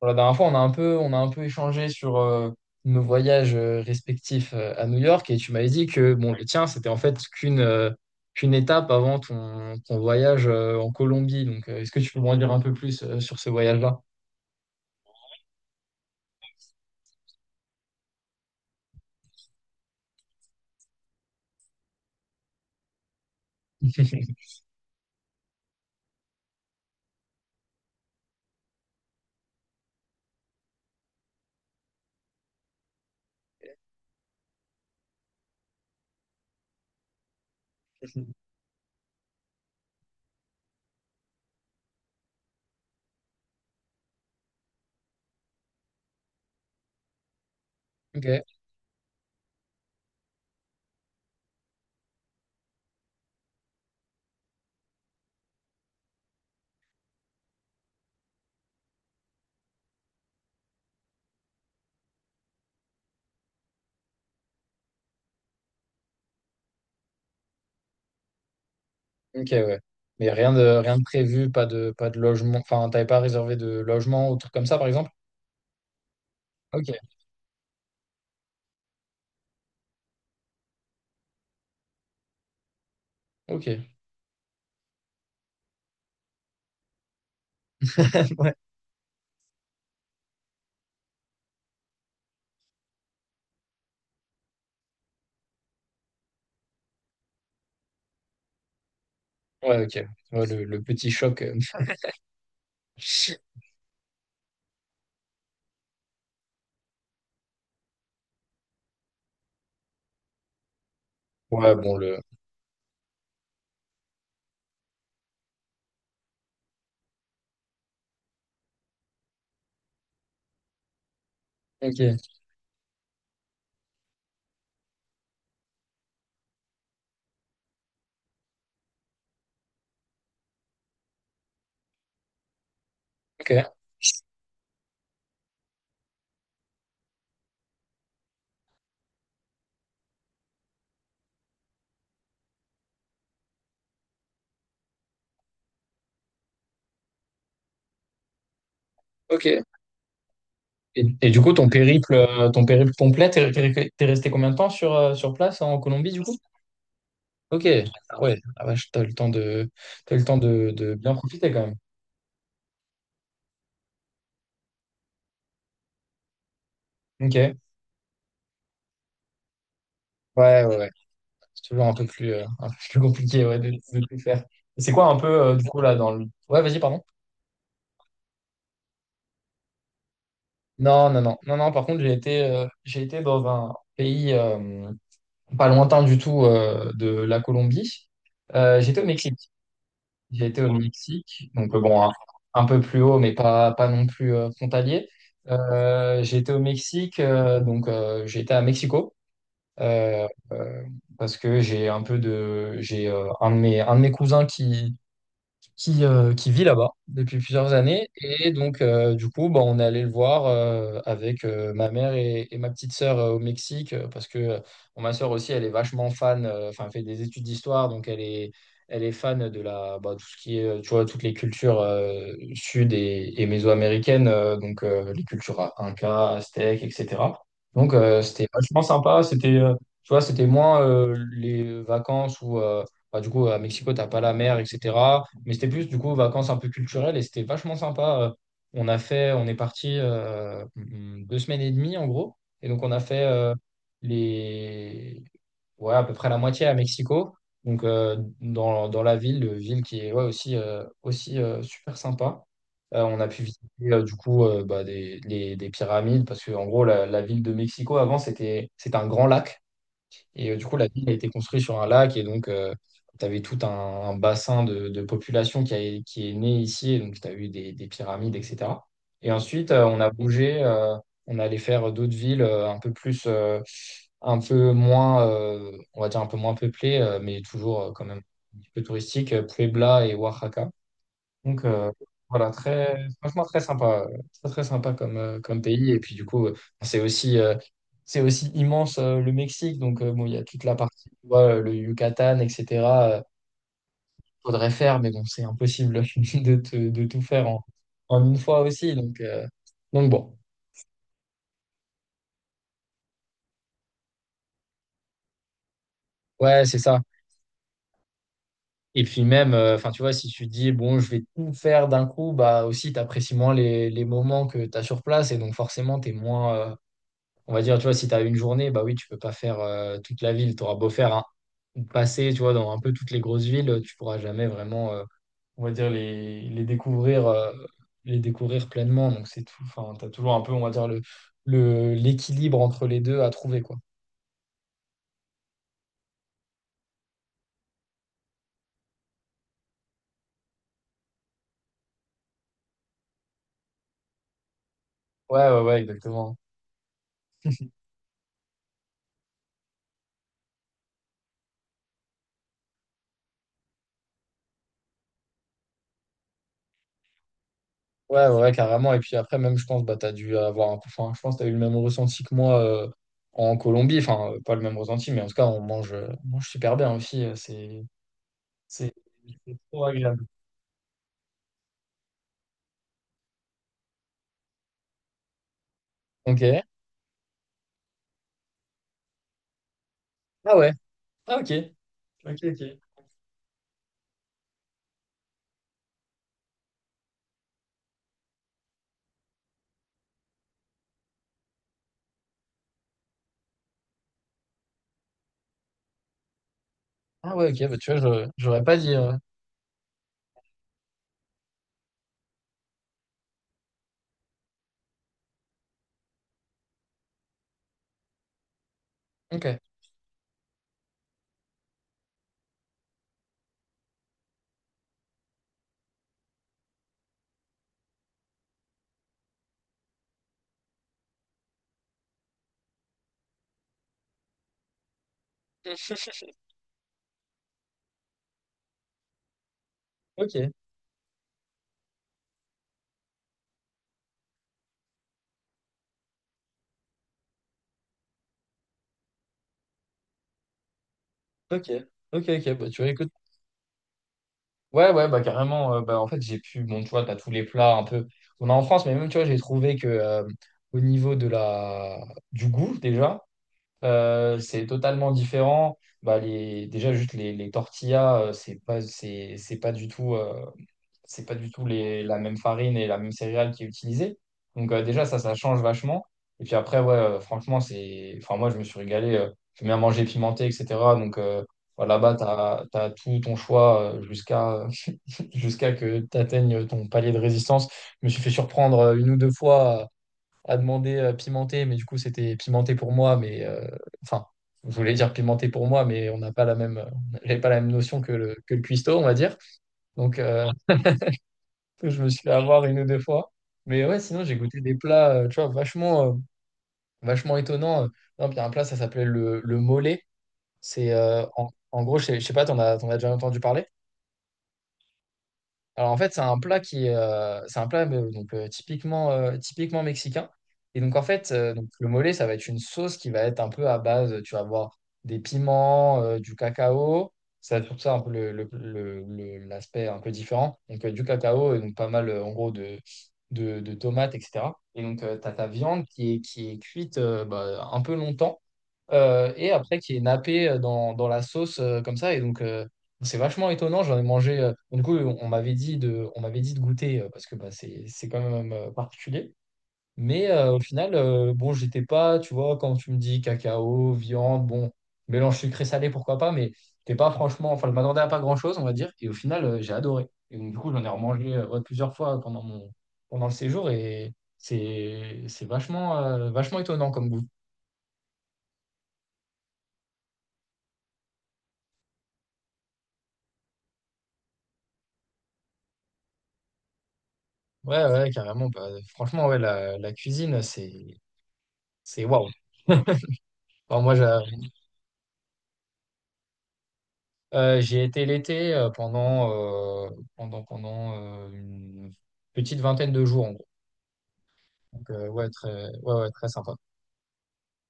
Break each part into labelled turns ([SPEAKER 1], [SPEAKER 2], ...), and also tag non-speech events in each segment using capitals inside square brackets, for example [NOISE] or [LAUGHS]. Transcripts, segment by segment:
[SPEAKER 1] Voilà, la dernière fois, on a un peu échangé sur nos voyages respectifs à New York, et tu m'avais dit que bon, le tien, c'était en fait qu'une étape avant ton voyage en Colombie. Donc, est-ce que tu peux m'en dire un peu plus sur ce voyage-là? [LAUGHS] Ok, ok, ouais. Mais rien de prévu, pas de logement. Enfin, t'avais pas réservé de logement ou truc comme ça, par exemple? Ok, ok. [LAUGHS] Ouais, ouais, ok. Ouais, le petit choc. [LAUGHS] Ouais, bon, le. Ok, ok, ok. Et du coup, ton périple complet, t'es resté combien de temps sur, sur place en Colombie, du coup? Ok. Ah ouais, ah vache, t'as le temps de, bien profiter quand même. Ok. Ouais, ouais, ouais. C'est toujours un peu plus compliqué, ouais, de tout faire. Et c'est quoi un peu, du coup, là, dans le... Ouais, vas-y, pardon. Non, non, non. Non, non, par contre, j'ai été dans un pays pas lointain du tout de la Colombie. J'étais au Mexique. J'ai été au Mexique, donc bon, un peu plus haut, mais pas non plus frontalier. J'ai été au Mexique, donc j'ai été à Mexico, euh, euh, parce que j'ai un de mes cousins qui vit là-bas depuis plusieurs années. Et donc, du coup, bah, on est allé le voir avec ma mère et ma petite sœur au Mexique, parce que bon, ma sœur aussi, elle est vachement fan, enfin, elle fait des études d'histoire, donc elle est fan de la, bah, tout ce qui est, tu vois, toutes les cultures sud et mésoaméricaines, donc les cultures incas aztèques, etc. Donc, c'était vachement sympa, tu vois, c'était moins les vacances où bah, du coup, à Mexico, t'as pas la mer, etc. Mais c'était plus, du coup, vacances un peu culturelles et c'était vachement sympa. On On est parti 2 semaines et demie, en gros. Et donc, on a fait les... ouais, à peu près la moitié à Mexico. Donc, dans la ville, ville qui est ouais, aussi super sympa. On a pu du coup, bah, des pyramides parce que, en gros, la ville de Mexico, avant, c'était un grand lac. Et du coup, la ville a été construite sur un lac, et donc tu avais tout un bassin de population qui est né ici. Et donc, tu as eu des pyramides, etc. Et ensuite, on a bougé, on allait faire d'autres villes un peu moins, on va dire un peu moins peuplées, mais toujours quand même un petit peu touristiques, Puebla et Oaxaca. Donc voilà, franchement très sympa, très très sympa comme, comme pays. Et puis du coup, c'est aussi, c'est aussi, immense le Mexique. Donc bon, il y a toute la partie, tu vois, le Yucatan, etc. euh, Faudrait faire, mais bon, c'est impossible [LAUGHS] de tout faire en une fois aussi. Donc, donc bon, ouais, c'est ça. Et puis même, enfin tu vois, si tu dis bon, je vais tout faire d'un coup, bah aussi t'apprécies moins les moments que tu as sur place, et donc forcément t'es moins, euh. On va dire, tu vois, si tu as une journée, bah oui, tu peux pas faire toute la ville. Tu auras beau passer, tu vois, dans un peu toutes les grosses villes, tu pourras jamais vraiment, on va dire, les découvrir pleinement. Donc c'est tout. Enfin, tu as toujours un peu, on va dire, l'équilibre entre les deux à trouver, quoi. Ouais, ouais, ouais, exactement. Ouais, ouais, ouais, carrément. Et puis après, même, je pense, bah, t'as dû avoir un peu, enfin, je pense que t'as eu le même ressenti que moi en Colombie. Enfin, pas le même ressenti, mais en tout cas, on mange super bien aussi. C'est c'est trop agréable. Ok. Ah ouais. Ah ok. Ok, ok. Ah ouais, ok, bah tu vois, j'aurais pas dit. Ok. Ok, ok, ok, ok. Bah, tu vois, écoute. Ouais, ouais, bah carrément. Bah, en fait, j'ai pu. Bon, tu vois, t'as tous les plats un peu. On a en France, mais même, tu vois, j'ai trouvé que au niveau de la... du goût, déjà, c'est totalement différent. Déjà, juste les tortillas, c'est pas du tout. C'est pas du tout la même farine et la même céréale qui est utilisée. Donc déjà, ça change vachement. Et puis après, ouais, enfin, moi, je me suis régalé. J'aime bien manger pimenté, etc. Donc bah, là-bas, t'as tout ton choix jusqu'à [LAUGHS] jusqu'à que t'atteignes ton palier de résistance. Je me suis fait surprendre une ou deux fois à demander pimenté, mais du coup, c'était pimenté pour moi, enfin, je voulais dire pimenté pour moi, mais on n'a pas la même notion que que le cuistot, on va dire. Donc, donc, je me suis fait avoir une ou deux fois. Mais ouais, sinon, j'ai goûté des plats, tu vois, vachement étonnants. Par exemple, il y a un plat, ça s'appelait le mollet. C'est, en gros, je sais pas, t'en as déjà entendu parler? Alors en fait, c'est un c'est un plat donc typiquement typiquement mexicain. Et donc en fait, donc le mole, ça va être une sauce qui va être un peu à base, tu vas avoir des piments, du cacao. Ça, tout ça un peu l'aspect un peu différent. Donc du cacao et donc pas mal en gros de tomates, etc. Et donc tu as ta viande qui est cuite bah, un peu longtemps, et après qui est nappé dans la sauce comme ça. Et donc c'est vachement étonnant, j'en ai mangé. Du coup, on m'avait dit de goûter parce que bah, c'est quand même particulier. Mais au final, bon, j'étais pas, tu vois, quand tu me dis cacao, viande, bon, mélange sucré-salé, pourquoi pas, mais t'es pas franchement, enfin, je m'attendais à pas grand-chose, on va dire. Et au final, j'ai adoré. Et donc, du coup, j'en ai remangé ouais, plusieurs fois pendant pendant le séjour, et c'est vachement, vachement étonnant comme goût. Ouais, ouais, carrément. Bah, franchement, ouais, la cuisine, c'est waouh. [LAUGHS] Enfin, moi, j'y ai été l'été pendant une petite vingtaine de jours en gros. Donc, ouais, très, ouais, ouais, très sympa.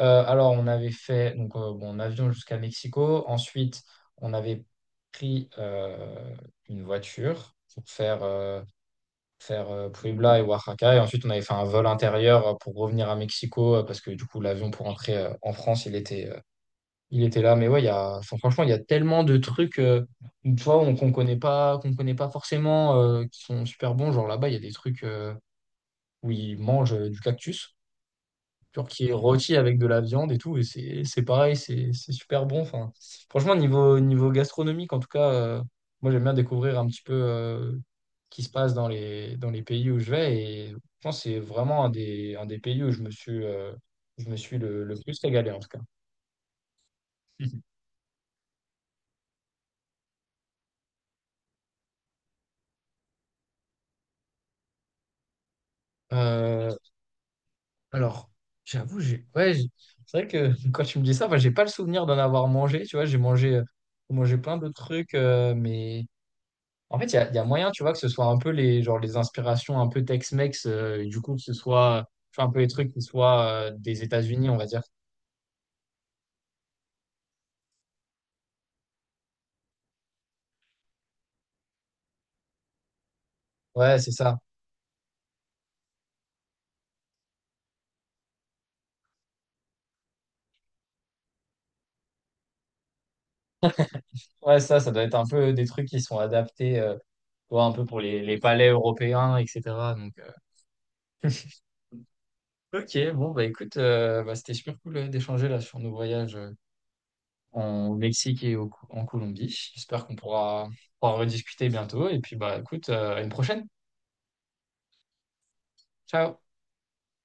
[SPEAKER 1] Alors, on avait fait donc, bon, en avion jusqu'à Mexico. Ensuite, on avait pris une voiture pour faire Puebla et Oaxaca. Et ensuite, on avait fait un vol intérieur pour revenir à Mexico parce que du coup, l'avion pour rentrer en France, il était là. Mais ouais, il y a, enfin, franchement, il y a tellement de trucs, qu'on connaît pas forcément, qui sont super bons. Genre là-bas, il y a des trucs où ils mangent du cactus, genre qui est rôti avec de la viande et tout, et c'est pareil, c'est super bon. Enfin, franchement, niveau gastronomique, en tout cas, moi, j'aime bien découvrir un petit peu qui se passe dans les pays où je vais. Et je pense que c'est vraiment un des pays où je me suis le plus régalé, en tout cas. [LAUGHS] Euh, Alors, j'avoue, j'ai. Ouais, c'est vrai que [LAUGHS] quand tu me dis ça, enfin, j'ai pas le souvenir d'en avoir mangé. Tu vois, j'ai mangé plein de trucs, mais en fait, il y a moyen, tu vois, que ce soit un peu genre, les inspirations un peu Tex-Mex, et du coup, que ce soit, tu vois, un peu les trucs qui soient des États-Unis, on va dire. Ouais, c'est ça. Ouais, ça doit être un peu des trucs qui sont adaptés, tu vois, un peu pour les palais européens, etc. Donc, ok, bon, bah écoute, bah, c'était super cool d'échanger là sur nos voyages. Au Mexique en Colombie. J'espère qu'on pourra rediscuter bientôt. Et puis, bah, écoute, à une prochaine. Ciao.